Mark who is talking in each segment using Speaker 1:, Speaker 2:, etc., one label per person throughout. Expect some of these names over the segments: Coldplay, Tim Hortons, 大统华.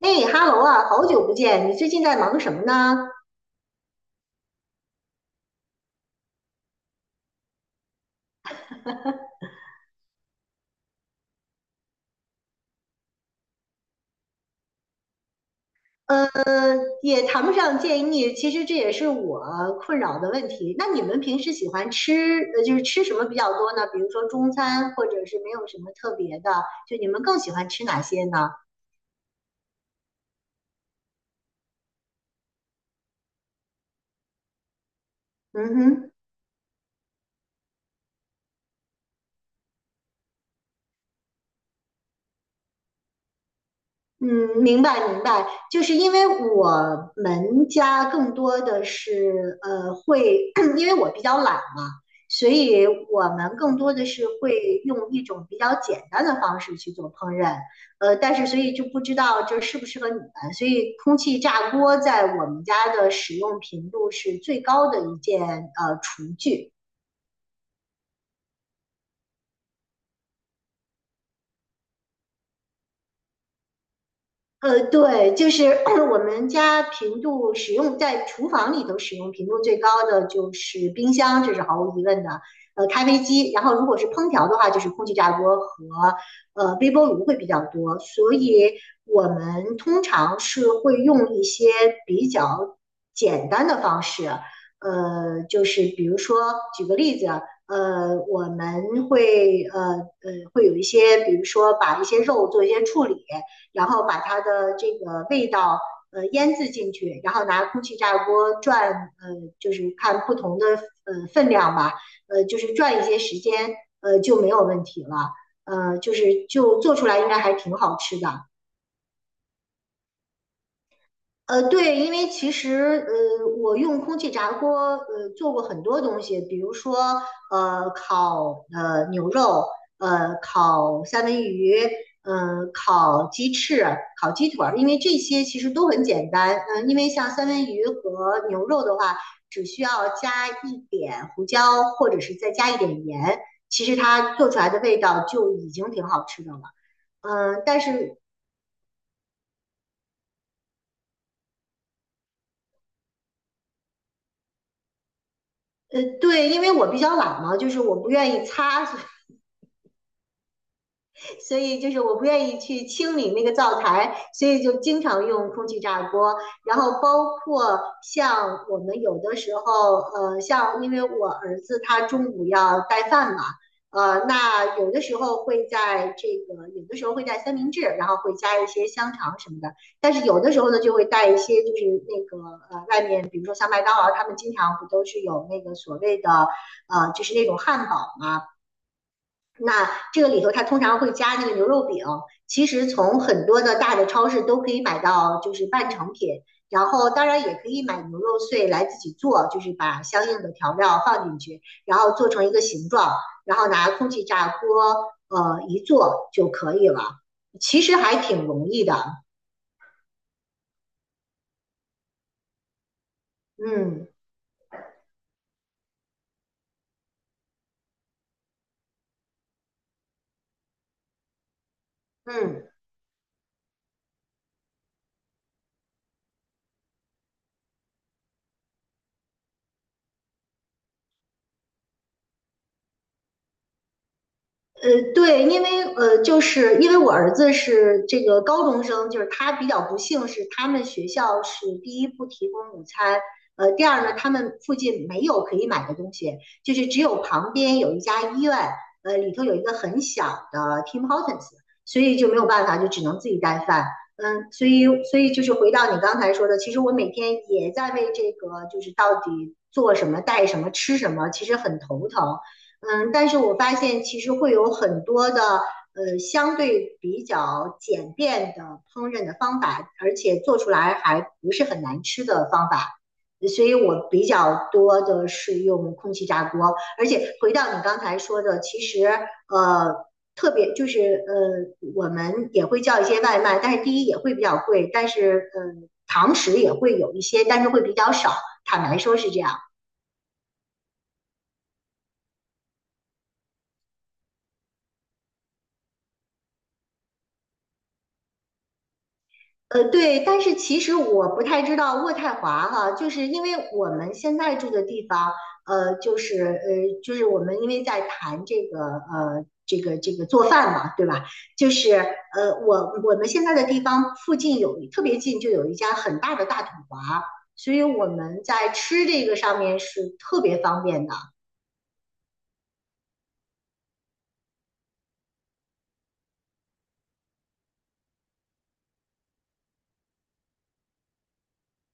Speaker 1: 哎哈喽啊，好久不见！你最近在忙什么呢？也谈不上建议，其实这也是我困扰的问题。那你们平时喜欢吃，就是吃什么比较多呢？比如说中餐，或者是没有什么特别的，就你们更喜欢吃哪些呢？嗯哼。嗯，明白明白，就是因为我们家更多的是会，因为我比较懒嘛，所以我们更多的是会用一种比较简单的方式去做烹饪，但是所以就不知道这适不适合你们，所以空气炸锅在我们家的使用频度是最高的一件厨具。对，就是 我们家频度使用在厨房里头使用频度最高的就是冰箱，这是毫无疑问的。咖啡机，然后如果是烹调的话，就是空气炸锅和微波炉会比较多，所以我们通常是会用一些比较简单的方式，就是比如说举个例子，我们会有一些，比如说把一些肉做一些处理，然后把它的这个味道腌制进去，然后拿空气炸锅转，呃，就是看不同的分量吧，就是转一些时间，就没有问题了，就是做出来应该还挺好吃的。对，因为其实我用空气炸锅做过很多东西，比如说烤牛肉，烤三文鱼，烤鸡翅、烤鸡腿儿，因为这些其实都很简单。嗯、因为像三文鱼和牛肉的话，只需要加一点胡椒，或者是再加一点盐，其实它做出来的味道就已经挺好吃的了。但是对，因为我比较懒嘛，就是我不愿意擦，所以就是我不愿意去清理那个灶台，所以就经常用空气炸锅。然后包括像我们有的时候，像因为我儿子他中午要带饭嘛，那有的时候会在这个，有的时候会带三明治，然后会加一些香肠什么的。但是有的时候呢，就会带一些就是那个外面比如说像麦当劳，他们经常不都是有那个所谓的就是那种汉堡嘛、啊这个里头它通常会加那个牛肉饼，其实从很多的大的超市都可以买到，就是半成品。然后当然也可以买牛肉碎来自己做，就是把相应的调料放进去，然后做成一个形状，然后拿空气炸锅一做就可以了。其实还挺容易的。嗯嗯。对，因为就是因为我儿子是这个高中生，就是他比较不幸是他们学校是第一不提供午餐，第二呢，他们附近没有可以买的东西，就是只有旁边有一家医院，里头有一个很小的 Tim Hortons，所以就没有办法，就只能自己带饭。所以就是回到你刚才说的，其实我每天也在为这个就是到底做什么、带什么、吃什么，其实很头疼。但是我发现其实会有很多的相对比较简便的烹饪的方法，而且做出来还不是很难吃的方法，所以我比较多的是用空气炸锅。而且回到你刚才说的，其实呃特别就是我们也会叫一些外卖，但是第一也会比较贵，但是堂食也会有一些，但是会比较少。坦白说是这样。对，但是其实我不太知道渥太华哈，就是因为我们现在住的地方，就是就是我们因为在谈这个这个做饭嘛，对吧？就是我们现在的地方附近有特别近就有一家很大的大统华，所以我们在吃这个上面是特别方便的。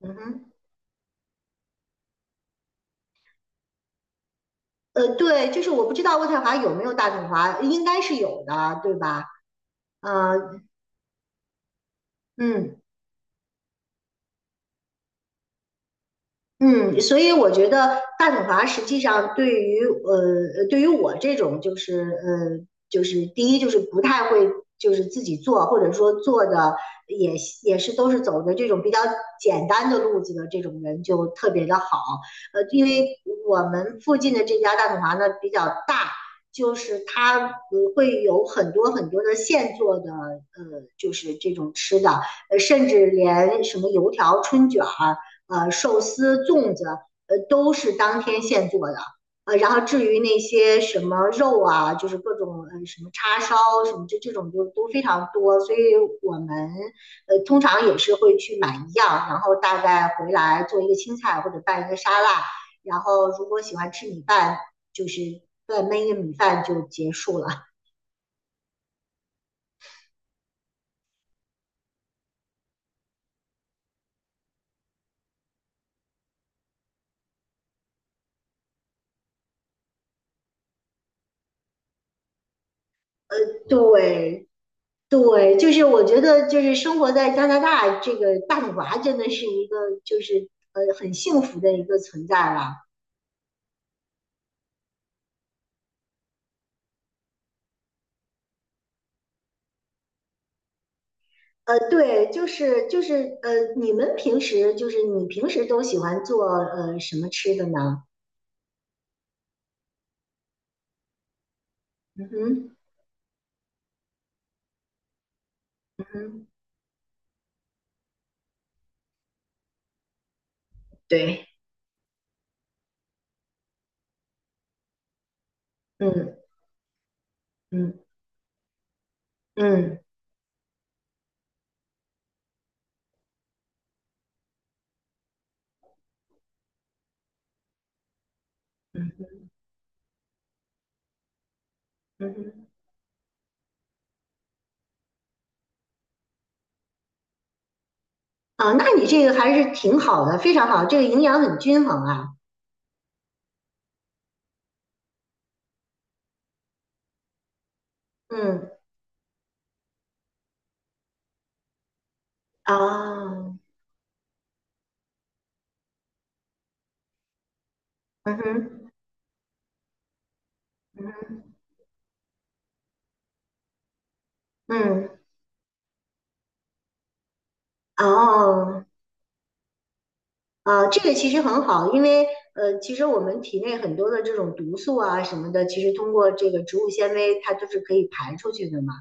Speaker 1: 嗯哼。对，就是我不知道渥太华有没有大统华，应该是有的，对吧？呃，嗯。嗯，所以我觉得大统华实际上对于对于我这种就是就是第一就是不太会就是自己做，或者说做的也也是都是走的这种比较简单的路子的这种人就特别的好。因为我们附近的这家大统华呢比较大，就是它会有很多很多的现做的就是这种吃的，甚至连什么油条、春卷儿。寿司、粽子，都是当天现做的。然后至于那些什么肉啊，就是各种什么叉烧什么这种就都非常多，所以我们通常也是会去买一样，然后大概回来做一个青菜或者拌一个沙拉，然后如果喜欢吃米饭，就是再焖一个米饭就结束了。对，对，就是我觉得就是生活在加拿大这个大女娃真的是一个就是很幸福的一个存在了。对，就是，你平时都喜欢做什么吃的呢？嗯哼。嗯哼。对。嗯嗯嗯嗯哼。啊，那你这个还是挺好的，非常好，这个营养很均衡啊。嗯啊。嗯哼。嗯哼。嗯。哦。啊，这个其实很好，因为其实我们体内很多的这种毒素啊什么的，其实通过这个植物纤维，它都是可以排出去的嘛。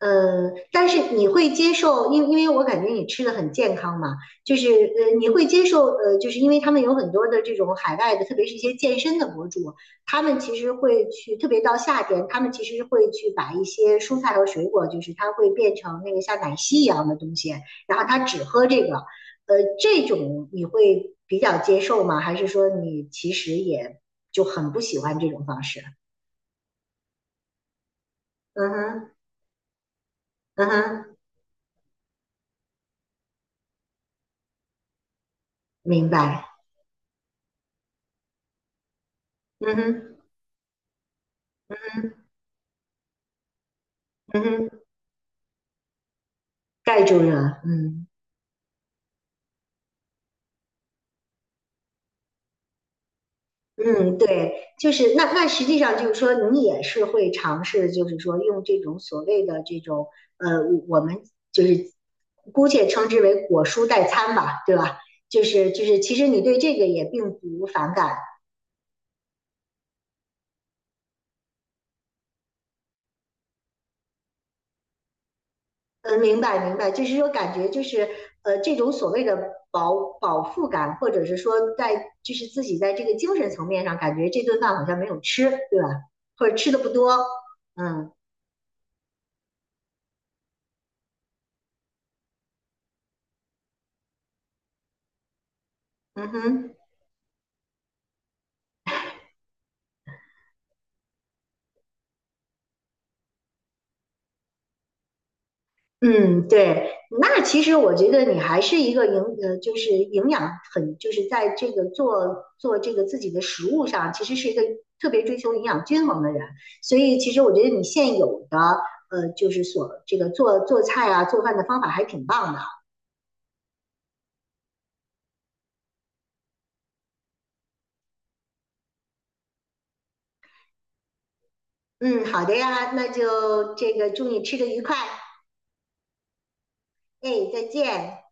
Speaker 1: 但是你会接受，因为我感觉你吃的很健康嘛，就是你会接受就是因为他们有很多的这种海外的，特别是一些健身的博主，他们其实会去，特别到夏天，他们其实会去把一些蔬菜和水果，就是它会变成那个像奶昔一样的东西，然后他只喝这个，这种你会比较接受吗？还是说你其实也就很不喜欢这种方式？嗯哼。嗯哼。明白。嗯哼。嗯。嗯哼。盖住了。嗯嗯。对，就是那实际上就是说，你也是会尝试，就是说用这种所谓的这种呃，我们就是姑且称之为果蔬代餐吧，对吧？就是，其实你对这个也并不反感。嗯，明白明白，就是说感觉就是这种所谓的饱腹感，或者是说在就是自己在这个精神层面上，感觉这顿饭好像没有吃，对吧？或者吃的不多。嗯。嗯哼。嗯，对，那其实我觉得你还是一个营养很，就是在这个做这个自己的食物上，其实是一个特别追求营养均衡的人。所以其实我觉得你现有的就是这个做菜啊、做饭的方法还挺棒的。嗯，好的呀，那就这个祝你吃的愉快。哎，再见。